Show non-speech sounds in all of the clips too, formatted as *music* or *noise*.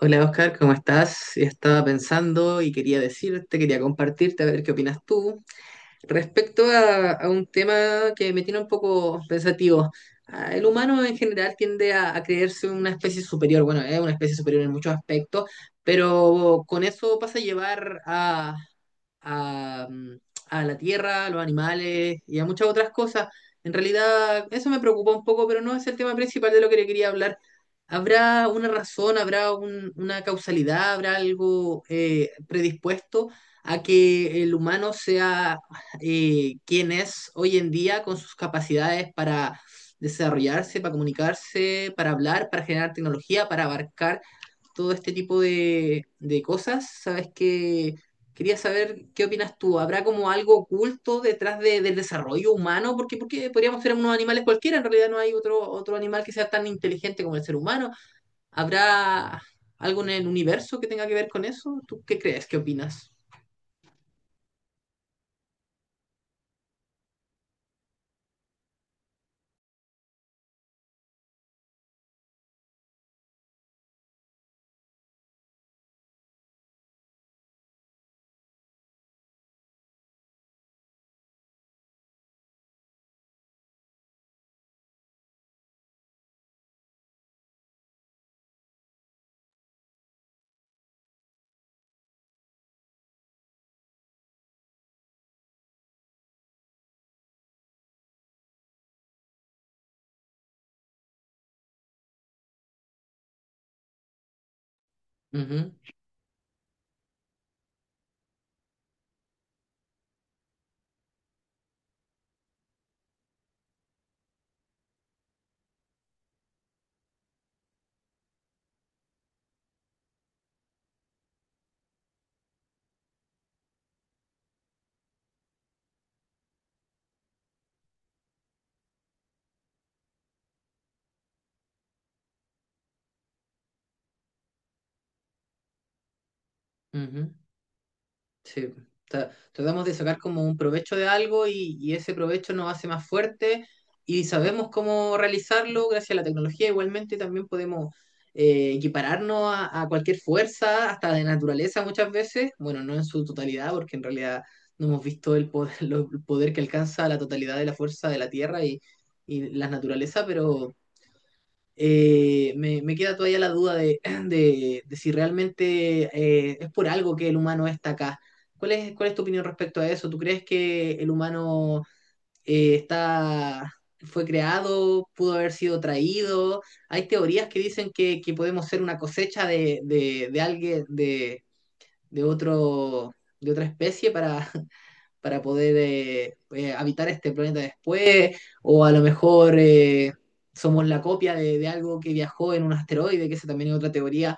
Hola Oscar, ¿cómo estás? Estaba pensando y quería compartirte, a ver qué opinas tú respecto a un tema que me tiene un poco pensativo. El humano en general tiende a creerse una especie superior, bueno, es una especie superior en muchos aspectos, pero con eso pasa a llevar a, a, mm, a la tierra, a los animales y a muchas otras cosas. En realidad, eso me preocupa un poco, pero no es el tema principal de lo que le quería hablar. ¿Habrá una razón, habrá una causalidad, habrá algo predispuesto a que el humano sea quien es hoy en día con sus capacidades para desarrollarse, para comunicarse, para hablar, para generar tecnología, para abarcar todo este tipo de cosas, sabes que quería saber qué opinas tú. ¿Habrá como algo oculto detrás del desarrollo humano? Porque, porque podríamos ser unos animales cualquiera, en realidad no hay otro, otro animal que sea tan inteligente como el ser humano. ¿Habrá algo en el universo que tenga que ver con eso? ¿Tú qué crees? ¿Qué opinas? Ujú, ujú. Sí. Tratamos de sacar como un provecho de algo y ese provecho nos hace más fuerte y sabemos cómo realizarlo gracias a la tecnología. Igualmente también podemos equipararnos a cualquier fuerza, hasta de naturaleza muchas veces. Bueno, no en su totalidad, porque en realidad no hemos visto el poder, *laughs* el poder que alcanza la totalidad de la fuerza de la Tierra y la naturaleza, pero me queda todavía la duda de, *clears throat* de si realmente es por algo que el humano está acá. ¿Cuál es tu opinión respecto a eso? ¿Tú crees que el humano está, fue creado, pudo haber sido traído? Hay teorías que dicen que podemos ser una cosecha de alguien, de, de otro, de otra especie para poder habitar este planeta después, o a lo mejor somos la copia algo que viajó en un asteroide, que esa también es otra teoría.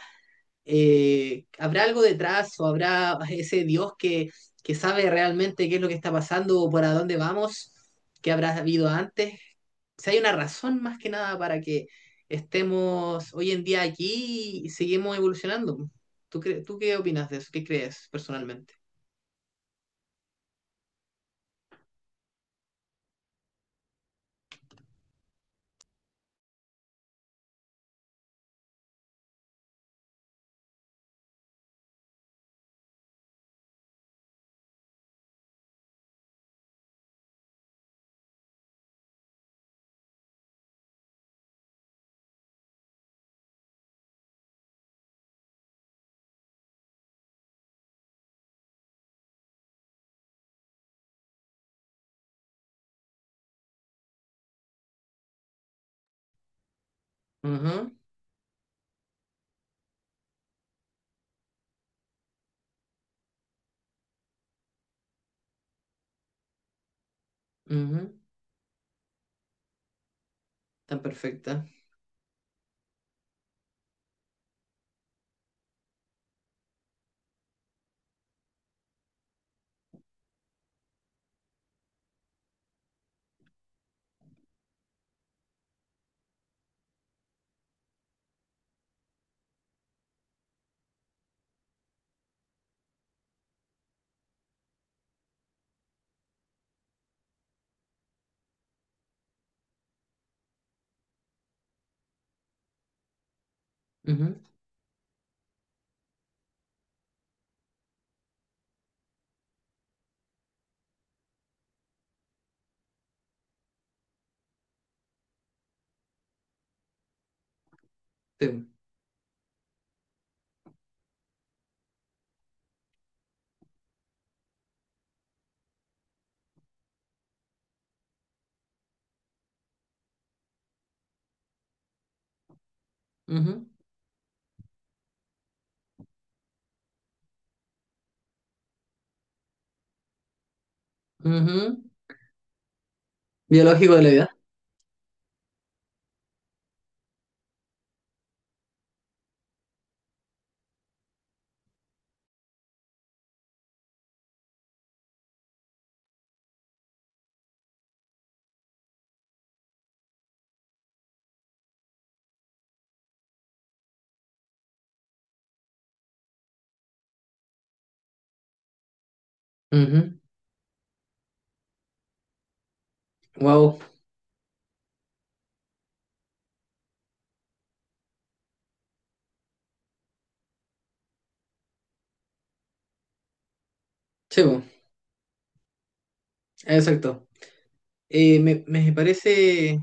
¿Habrá algo detrás o habrá ese Dios que sabe realmente qué es lo que está pasando o para dónde vamos? ¿Qué habrá habido antes? Si hay una razón más que nada para que estemos hoy en día aquí y seguimos evolucionando. Tú qué opinas de eso? ¿Qué crees personalmente? Uh -huh, uh -huh, tan perfecta. Ujú, sí, ujú, ujú. Biológico de la vida. Wow. Chevo. Exacto. Eh, me, me parece.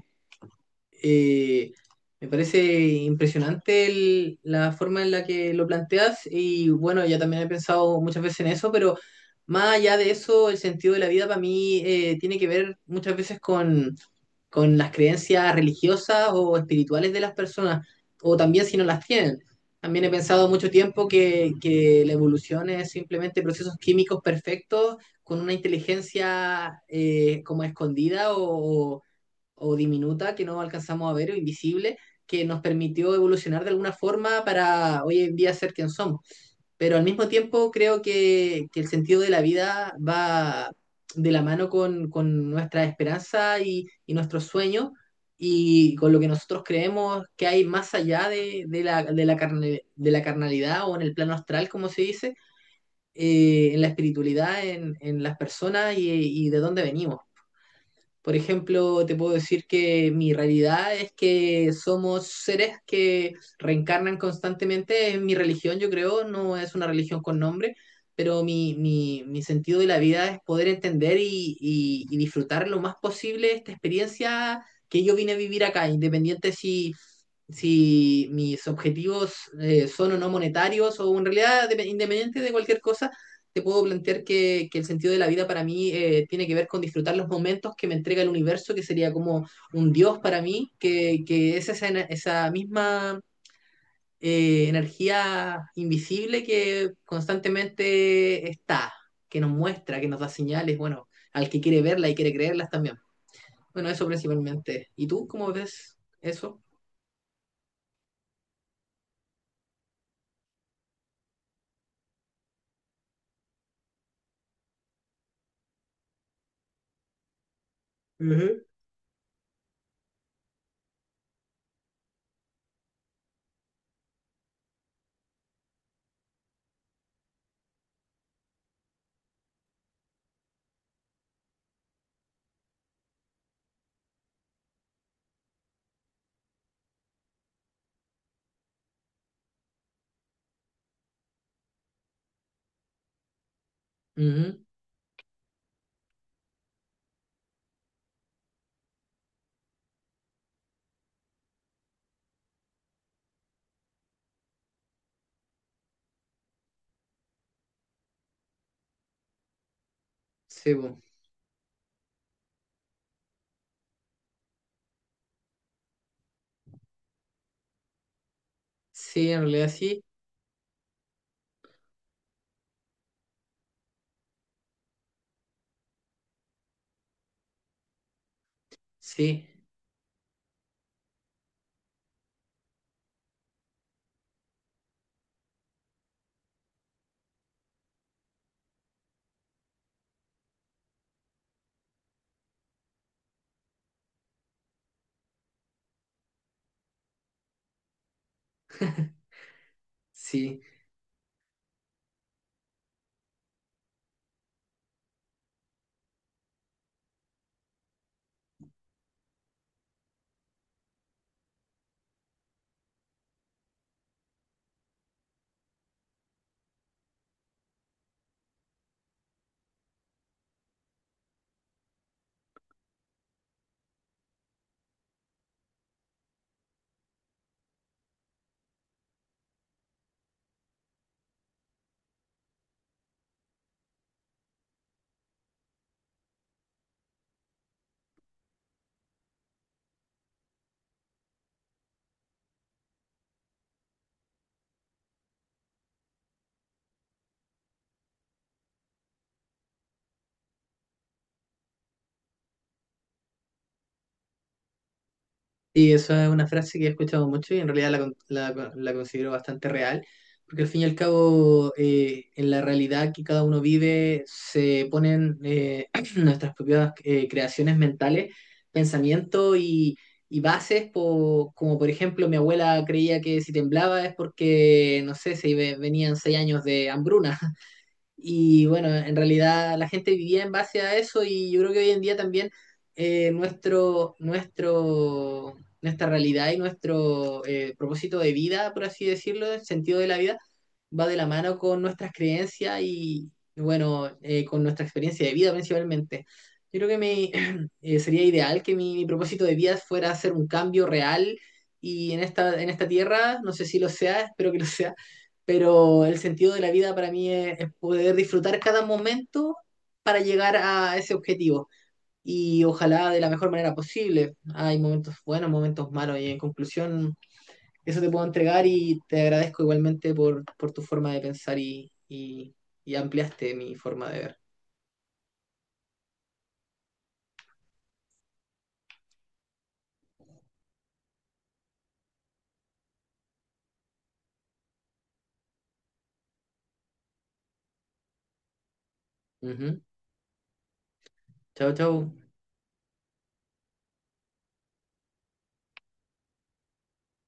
eh, Me parece impresionante la forma en la que lo planteas y bueno, ya también he pensado muchas veces en eso, pero más allá de eso, el sentido de la vida para mí tiene que ver muchas veces con las creencias religiosas o espirituales de las personas, o también si no las tienen. También he pensado mucho tiempo que la evolución es simplemente procesos químicos perfectos con una inteligencia como escondida o diminuta que no alcanzamos a ver o invisible que nos permitió evolucionar de alguna forma para hoy en día ser quien somos. Pero al mismo tiempo creo que el sentido de la vida va de la mano con nuestra esperanza y nuestros sueños y con lo que nosotros creemos que hay más allá de de la carnalidad o en el plano astral, como se dice, en la espiritualidad, en las personas y de dónde venimos. Por ejemplo, te puedo decir que mi realidad es que somos seres que reencarnan constantemente. En mi religión, yo creo, no es una religión con nombre, pero mi sentido de la vida es poder entender y, y disfrutar lo más posible esta experiencia que yo vine a vivir acá, independiente si si mis objetivos son o no monetarios o en realidad independiente de cualquier cosa, te puedo plantear que el sentido de la vida para mí tiene que ver con disfrutar los momentos que me entrega el universo, que sería como un Dios para mí, que es esa, esa misma energía invisible que constantemente está, que nos muestra, que nos da señales, bueno, al que quiere verla y quiere creerlas también. Bueno, eso principalmente. ¿Y tú cómo ves eso? Ujú. Ujú. Sí, po. Sí, en realidad sí, sí, sí. Y eso es una frase que he escuchado mucho y en realidad la considero bastante real, porque al fin y al cabo, en la realidad que cada uno vive, se ponen *clears throat* nuestras propias creaciones mentales, pensamientos y bases, como por ejemplo mi abuela creía que si temblaba es porque, no sé, venían 6 años de hambruna. Y bueno, en realidad la gente vivía en base a eso y yo creo que hoy en día también eh, nuestro, nuestro, nuestra realidad y nuestro propósito de vida, por así decirlo, el sentido de la vida, va de la mano con nuestras creencias y, bueno, con nuestra experiencia de vida principalmente. Yo creo que *clears throat* sería ideal que mi propósito de vida fuera hacer un cambio real y en esta tierra, no sé si lo sea, espero que lo sea, pero el sentido de la vida para mí es poder disfrutar cada momento para llegar a ese objetivo y ojalá de la mejor manera posible. Hay momentos buenos, momentos malos y en conclusión eso te puedo entregar y te agradezco igualmente por tu forma de pensar y ampliaste mi forma de ver. Ujú. Chao, chao.